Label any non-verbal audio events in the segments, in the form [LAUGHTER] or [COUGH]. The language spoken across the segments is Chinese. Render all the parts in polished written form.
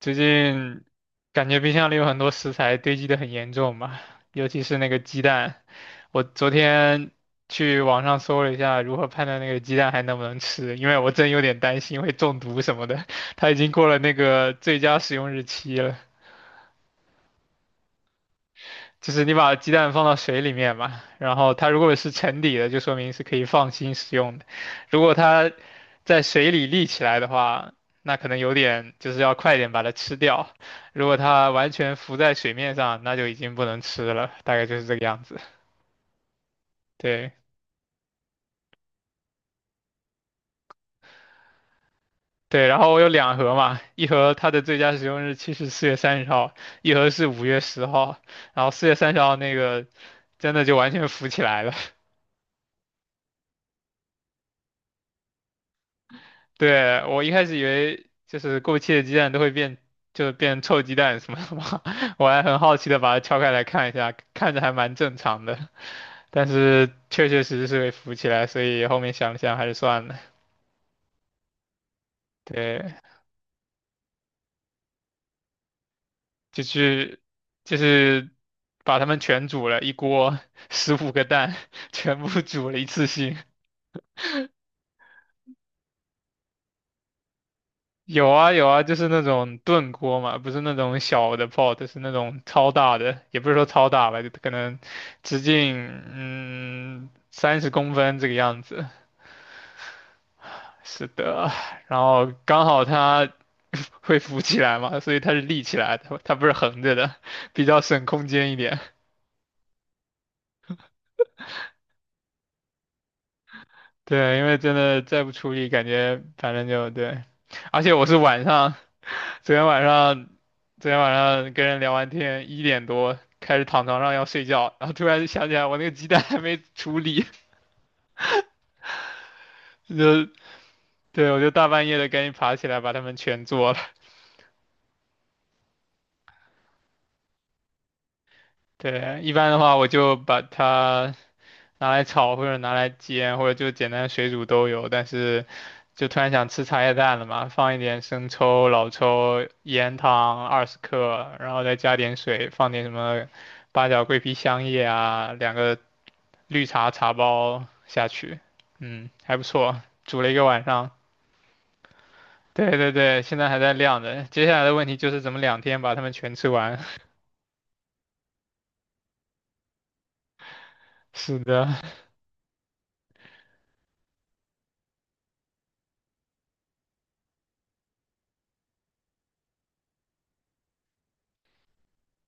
最近感觉冰箱里有很多食材堆积的很严重嘛，尤其是那个鸡蛋。我昨天去网上搜了一下如何判断那个鸡蛋还能不能吃，因为我真有点担心会中毒什么的。它已经过了那个最佳使用日期了。就是你把鸡蛋放到水里面嘛，然后它如果是沉底的，就说明是可以放心食用的；如果它在水里立起来的话，那可能有点就是要快点把它吃掉；如果它完全浮在水面上，那就已经不能吃了，大概就是这个样子。对对，然后我有2盒嘛，一盒它的最佳使用日期是四月三十号，一盒是5月10号，然后四月三十号那个真的就完全浮起来了。[LAUGHS] 对，我一开始以为就是过期的鸡蛋都会变，就是变臭鸡蛋什么的嘛，[LAUGHS] 我还很好奇的把它敲开来看一下，看着还蛮正常的，但是确确实实是会浮起来，所以后面想了想还是算了。对，就去就是把它们全煮了一锅，15个蛋 [LAUGHS] 全部煮了一次性。有啊有啊，就是那种炖锅嘛，不是那种小的 pot,是那种超大的，也不是说超大吧，就可能直径30公分这个样子。是的，然后刚好它 [LAUGHS] 会浮起来嘛，所以它是立起来的，它不是横着的，比较省空间一点。对，因为真的再不处理，感觉反正就对，而且我是晚上，昨天晚上，昨天晚上跟人聊完天，1点多开始躺床上要睡觉，然后突然想起来我那个鸡蛋 [LAUGHS] 还没处理，[LAUGHS] 就对我就大半夜的赶紧爬起来把它们全做了。对，一般的话我就把它拿来炒或者拿来煎，或者就简单水煮都有。但是就突然想吃茶叶蛋了嘛，放一点生抽、老抽、盐、糖20克，然后再加点水，放点什么八角、桂皮、香叶啊，2个绿茶茶包下去，还不错，煮了1个晚上。对对对，现在还在晾着。接下来的问题就是怎么2天把它们全吃完。[LAUGHS] 是的，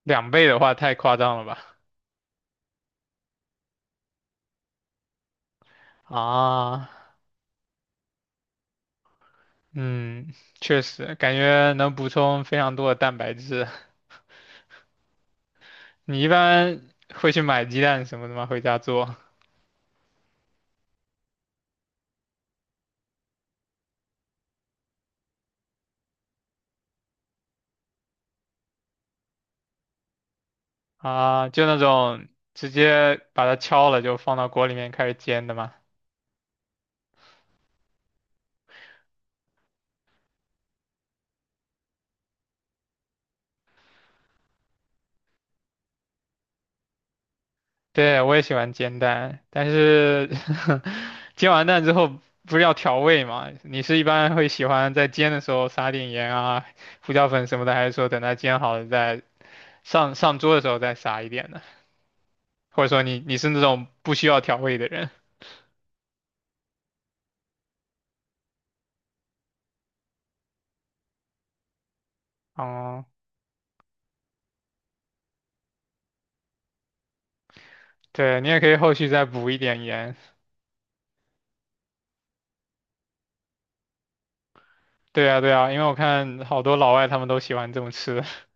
2倍的话太夸张了吧？啊，嗯，确实，感觉能补充非常多的蛋白质。你一般会去买鸡蛋什么的吗？回家做啊，就那种直接把它敲了就放到锅里面开始煎的吗？对，我也喜欢煎蛋，但是 [LAUGHS] 煎完蛋之后不是要调味嘛？你是一般会喜欢在煎的时候撒点盐啊、胡椒粉什么的，还是说等它煎好了再上桌的时候再撒一点呢？或者说你是那种不需要调味的人？哦，对，你也可以后续再补一点盐。对啊，对啊，因为我看好多老外他们都喜欢这么吃。[LAUGHS]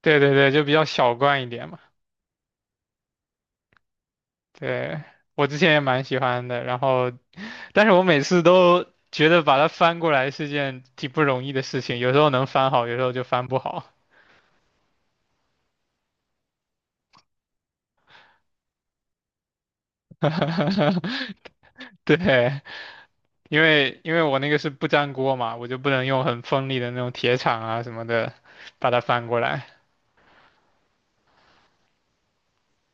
对对对，就比较小罐一点嘛。对，我之前也蛮喜欢的，然后。但是我每次都觉得把它翻过来是件挺不容易的事情，有时候能翻好，有时候就翻不好。[LAUGHS] 对，因为我那个是不粘锅嘛，我就不能用很锋利的那种铁铲啊什么的把它翻过来。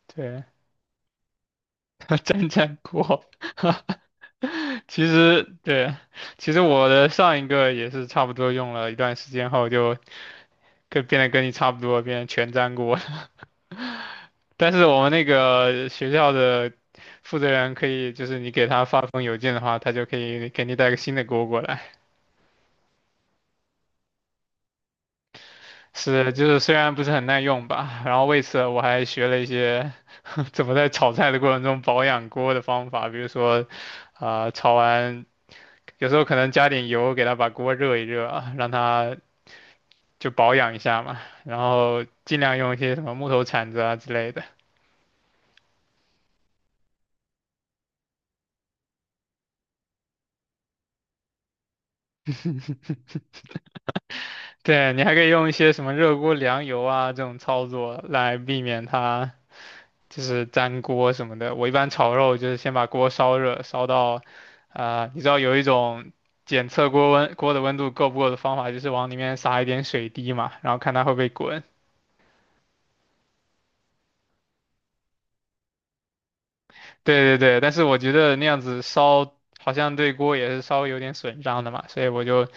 对，[LAUGHS] 粘粘锅。[LAUGHS] 其实对，其实我的上一个也是差不多用了一段时间后就变得跟你差不多，变成全粘锅了。但是我们那个学校的负责人可以，就是你给他发封邮件的话，他就可以给你带个新的锅过来。是，就是虽然不是很耐用吧，然后为此我还学了一些 [LAUGHS] 怎么在炒菜的过程中保养锅的方法，比如说，啊、炒完有时候可能加点油给他把锅热一热啊，让他就保养一下嘛，然后尽量用一些什么木头铲子啊之类的。对，你还可以用一些什么热锅凉油啊这种操作来避免它。就是粘锅什么的。我一般炒肉就是先把锅烧热，烧到，啊、你知道有一种检测锅的温度够不够的方法，就是往里面撒一点水滴嘛，然后看它会不会滚。对对对，但是我觉得那样子烧好像对锅也是稍微有点损伤的嘛，所以我就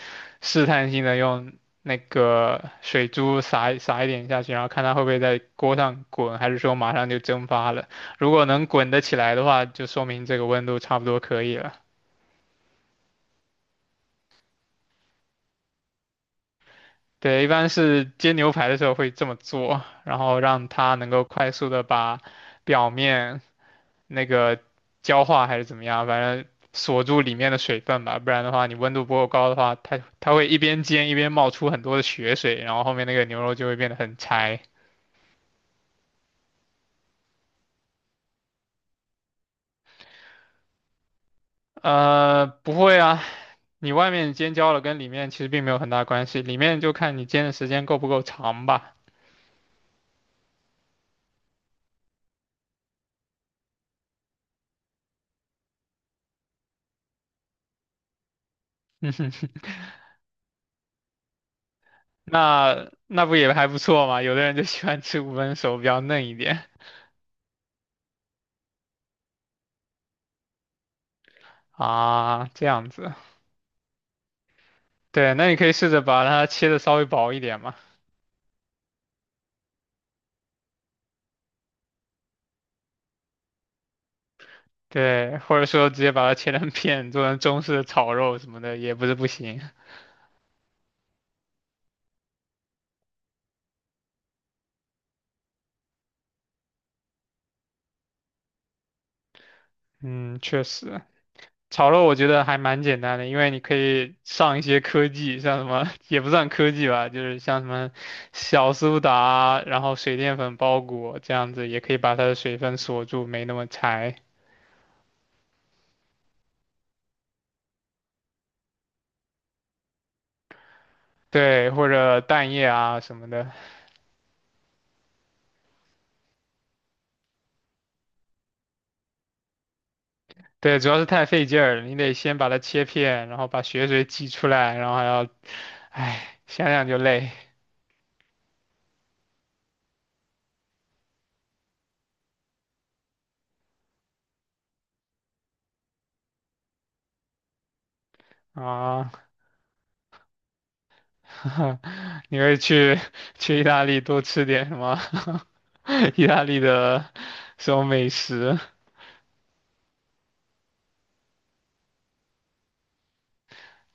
试探性的用那个水珠撒一撒一点下去，然后看它会不会在锅上滚，还是说马上就蒸发了。如果能滚得起来的话，就说明这个温度差不多可以了。对，一般是煎牛排的时候会这么做，然后让它能够快速的把表面那个焦化还是怎么样，反正锁住里面的水分吧，不然的话你温度不够高的话，它会一边煎一边冒出很多的血水，然后后面那个牛肉就会变得很柴。不会啊，你外面煎焦了跟里面其实并没有很大关系，里面就看你煎的时间够不够长吧。那那不也还不错嘛，有的人就喜欢吃5分熟，比较嫩一点。啊，这样子，对，那你可以试着把它切的稍微薄一点嘛，对，或者说直接把它切成片，做成中式的炒肉什么的也不是不行。嗯，确实，炒肉我觉得还蛮简单的，因为你可以上一些科技，像什么也不算科技吧，就是像什么小苏打，然后水淀粉包裹这样子，也可以把它的水分锁住，没那么柴。对，或者蛋液啊什么的。对，主要是太费劲儿了，你得先把它切片，然后把血水挤出来，然后还要，唉，想想就累啊。[LAUGHS] 你会去去意大利多吃点什么？[LAUGHS] 意大利的什么美食？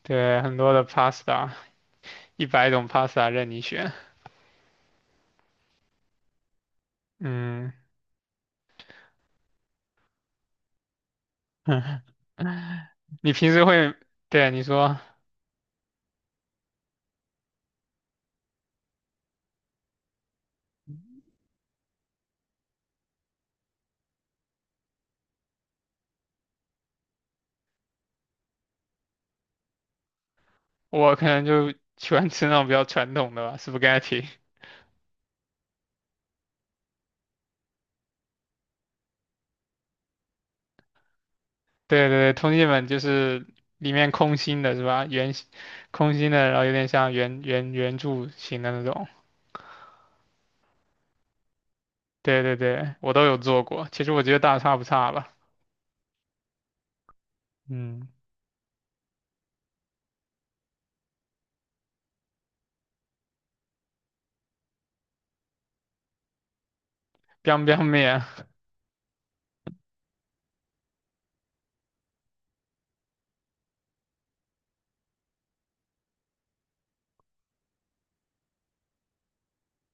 对，很多的 pasta,100种 pasta 任你选。嗯，[LAUGHS] 你平时会，对，你说，我可能就喜欢吃那种比较传统的吧，spaghetti。对对对，通信本就是里面空心的是吧？圆形空心的，然后有点像圆圆圆柱形的那种。对对对，我都有做过。其实我觉得大差不差吧。嗯，biang biang 面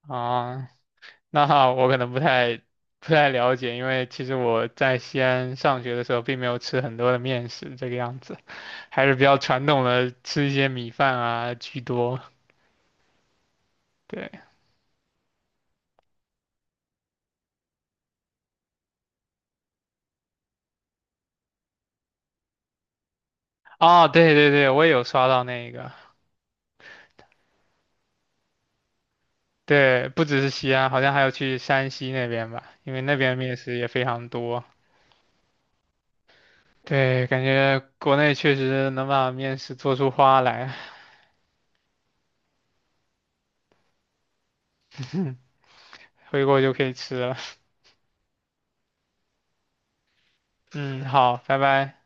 啊，那哈我可能不太了解，因为其实我在西安上学的时候，并没有吃很多的面食这个样子，还是比较传统的，吃一些米饭啊居多。对，哦，对对对，我也有刷到那个。对，不只是西安，好像还有去山西那边吧，因为那边面食也非常多。对，感觉国内确实能把面食做出花来，回国就可以吃了。嗯，好，拜拜。